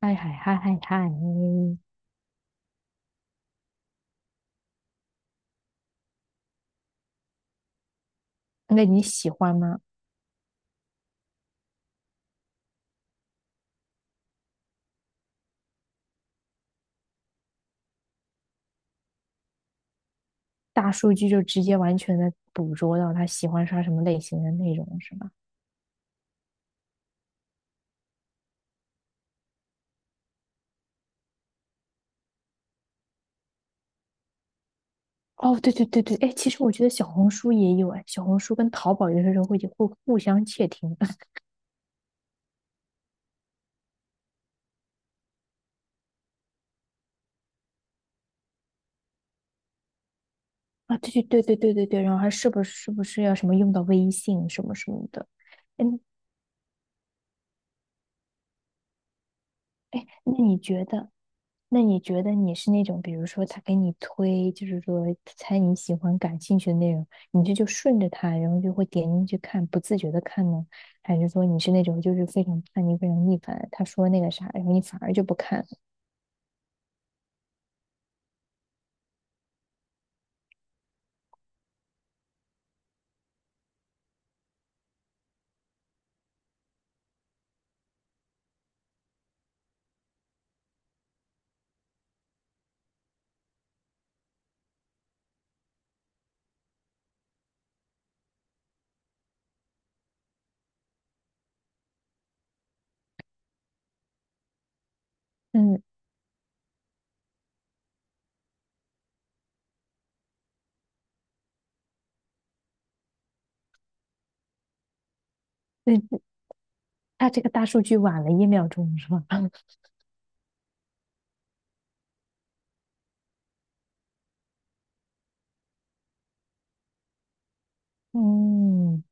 嗨嗨嗨嗨嗨，那你喜欢吗？大数据就直接完全的捕捉到他喜欢刷什么类型的内容，是吧？哦，对对对对，哎，其实我觉得小红书也有哎，小红书跟淘宝有的时候会互相窃听 啊，对对对对对对对，然后还是不是是不是要什么用到微信什么什么的？嗯，那你觉得？那你觉得你是那种，比如说他给你推，就是说猜你喜欢、感兴趣的内容，你这就顺着他，然后就会点进去看，不自觉的看呢？还是说你是那种就是非常叛逆、非常逆反，他说那个啥，然后你反而就不看了？嗯，那他这个大数据晚了一秒钟是吧？嗯，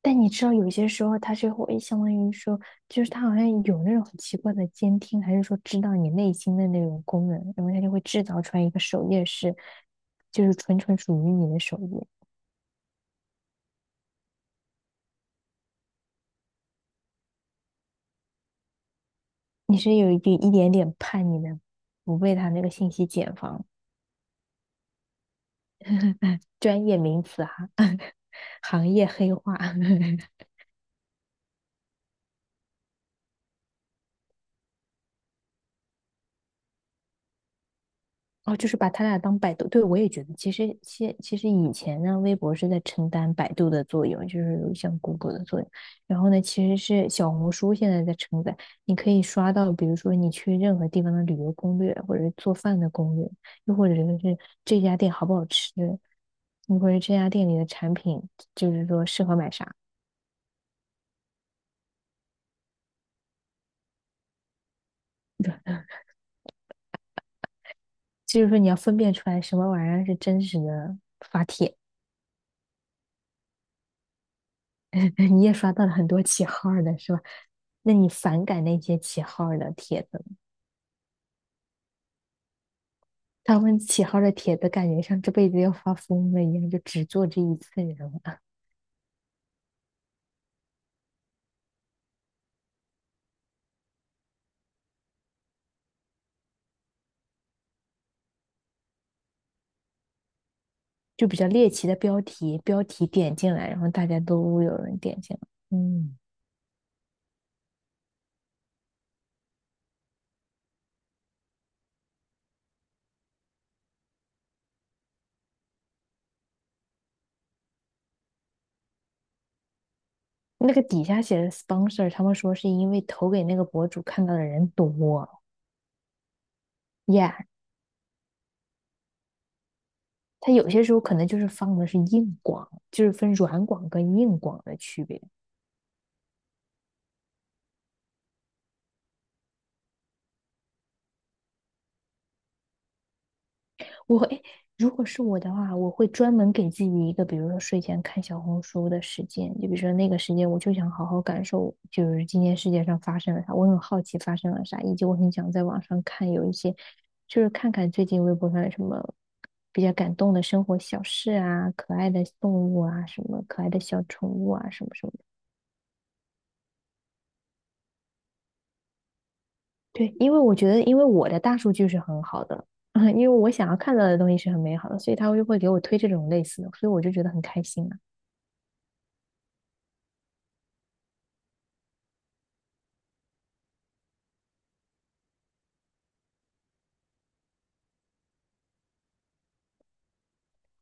但你知道，有些时候他是会相当于说，就是他好像有那种很奇怪的监听，还是说知道你内心的那种功能，然后他就会制造出来一个首页是，就是纯纯属于你的首页。你是有一点点叛逆的，不被他那个信息茧房，专业名词哈、行业黑话。哦，就是把他俩当百度，对，我也觉得，其实以前呢，微博是在承担百度的作用，就是像 Google 的作用。然后呢，其实是小红书现在在承载，你可以刷到，比如说你去任何地方的旅游攻略，或者是做饭的攻略，又或者是这家店好不好吃，又或者这家店里的产品，就是说适合买啥，就是说你要分辨出来什么玩意儿是真实的。你也刷到了很多 起号儿的是吧？那你反感那些起号儿的帖子吗？他们起号的帖子感觉像这辈子要发疯了一样，就只做这一次，知人了，就比较猎奇的标题，标题点进来，然后大家都有人点进来。嗯，那个底下写的 sponsor,他们说是因为投给那个博主看到的人多，yeah,他有些时候可能就是放的是硬广，就是分软广跟硬广的区别。我会，如果是我的话，我会专门给自己一个，比如说睡前看小红书的时间，就比如说那个时间，我就想好好感受，就是今天世界上发生了啥，我很好奇发生了啥，以及我很想在网上看有一些，就是看看最近微博上有什么比较感动的生活小事啊，可爱的动物啊，什么可爱的小宠物啊，什么什么的。对，因为我觉得，因为我的大数据是很好的，因为我想要看到的东西是很美好的，所以他就会给我推这种类似的，所以我就觉得很开心啊。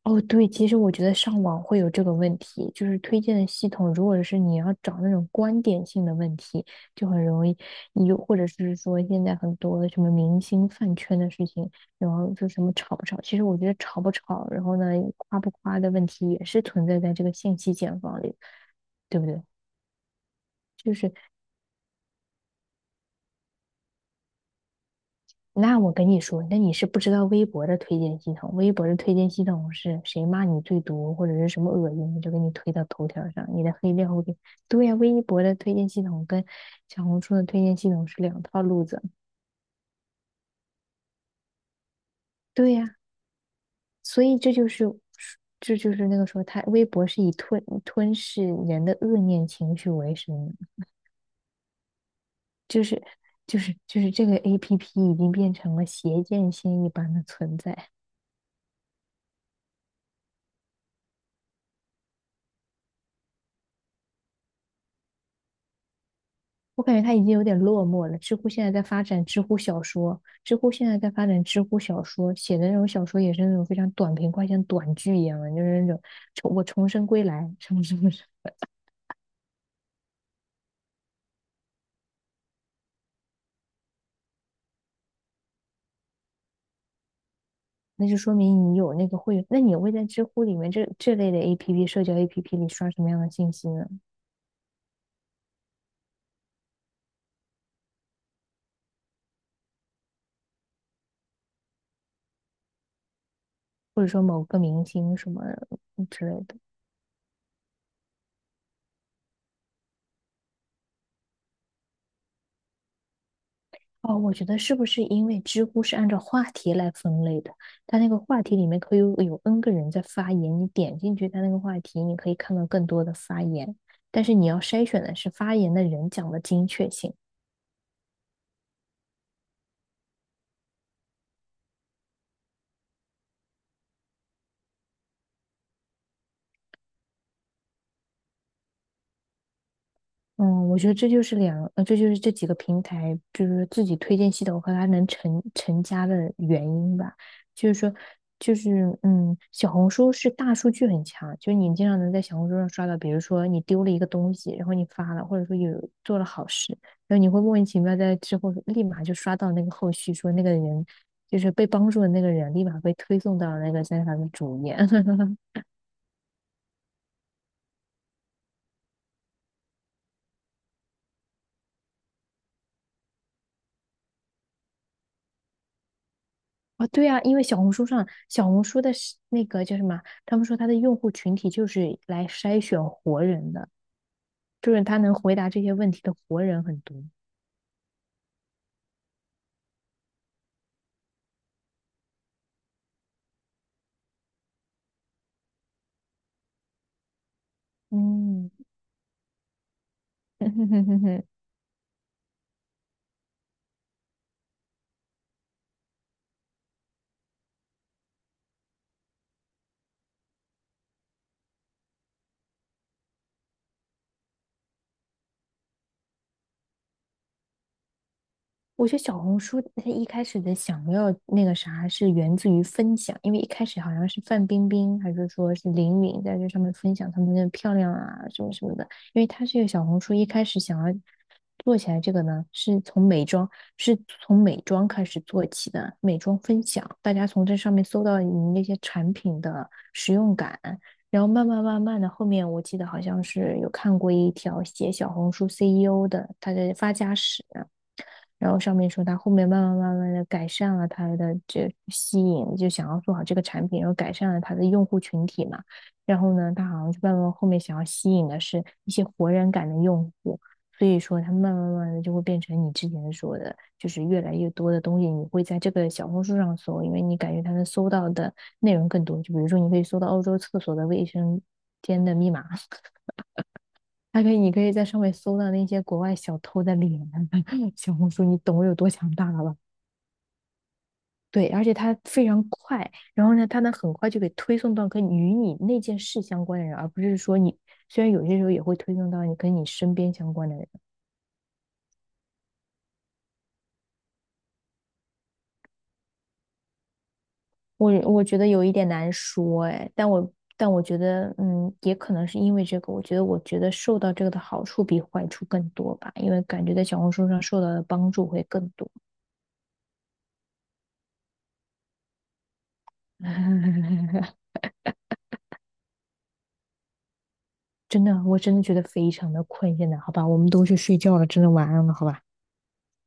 哦，对，其实我觉得上网会有这个问题，就是推荐的系统，如果是你要找那种观点性的问题，就很容易有，或者是说现在很多的什么明星饭圈的事情，然后就什么吵不吵，其实我觉得吵不吵，然后呢夸不夸的问题也是存在在这个信息茧房里，对不对？那我跟你说，那你是不知道微博的推荐系统，微博的推荐系统是谁骂你最多或者是什么恶心，就给你推到头条上，你的黑料会给。对呀,微博的推荐系统跟小红书的推荐系统是两套路子。对呀,所以这就是那个说他微博是以吞噬人的恶念情绪为生的，就是这个 APP 已经变成了邪剑仙一般的存在。我感觉他已经有点落寞了。知乎现在在发展知乎小说，知乎现在在发展知乎小说，写的那种小说也是那种非常短平快，像短剧一样的，就是那种我重生归来什么什么什么，那就说明你有那个会员那你会在知乎里面这类的 APP 社交 APP 里刷什么样的信息呢？或者说某个明星什么之类的？哦，我觉得是不是因为知乎是按照话题来分类的？它那个话题里面可以有 N 个人在发言，你点进去它那个话题，你可以看到更多的发言，但是你要筛选的是发言的人讲的精确性。嗯，我觉得这就是这几个平台，就是自己推荐系统和它能成家的原因吧。就是说，就是小红书是大数据很强，就是你经常能在小红书上刷到，比如说你丢了一个东西，然后你发了，或者说有做了好事，然后你会莫名其妙在之后立马就刷到那个后续，说那个人就是被帮助的那个人，立马被推送到那个在他的主页。啊，对啊，因为小红书的是那个叫什么？他们说他的用户群体就是来筛选活人的，就是他能回答这些问题的活人很多。嗯，我觉得小红书它一开始的想要那个啥，是源自于分享，因为一开始好像是范冰冰还是说是林允在这上面分享她们的漂亮啊什么什么的，因为它这个小红书一开始想要做起来这个呢，是从美妆开始做起的，美妆分享，大家从这上面搜到你那些产品的使用感，然后慢慢慢慢的，后面我记得好像是有看过一条写小红书 CEO 的他的发家史。然后上面说他后面慢慢慢慢的改善了他的这吸引，就想要做好这个产品，然后改善了他的用户群体嘛。然后呢，他好像就慢慢后面想要吸引的是一些活人感的用户，所以说他慢慢慢慢的就会变成你之前说的，就是越来越多的东西你会在这个小红书上搜，因为你感觉他能搜到的内容更多。就比如说你可以搜到欧洲厕所的卫生间的密码，还可以，你可以在上面搜到那些国外小偷的脸啊，小红书，你懂我有多强大了吧？对，而且它非常快，然后呢，它能很快就给推送到跟与你那件事相关的人，而不是说你虽然有些时候也会推送到你跟你身边相关的人，我觉得有一点难说哎，但我觉得也可能是因为这个，我觉得受到这个的好处比坏处更多吧，因为感觉在小红书上受到的帮助会更多。真的，我真的觉得非常的困现在，好吧，我们都去睡觉了，真的晚安了，好吧。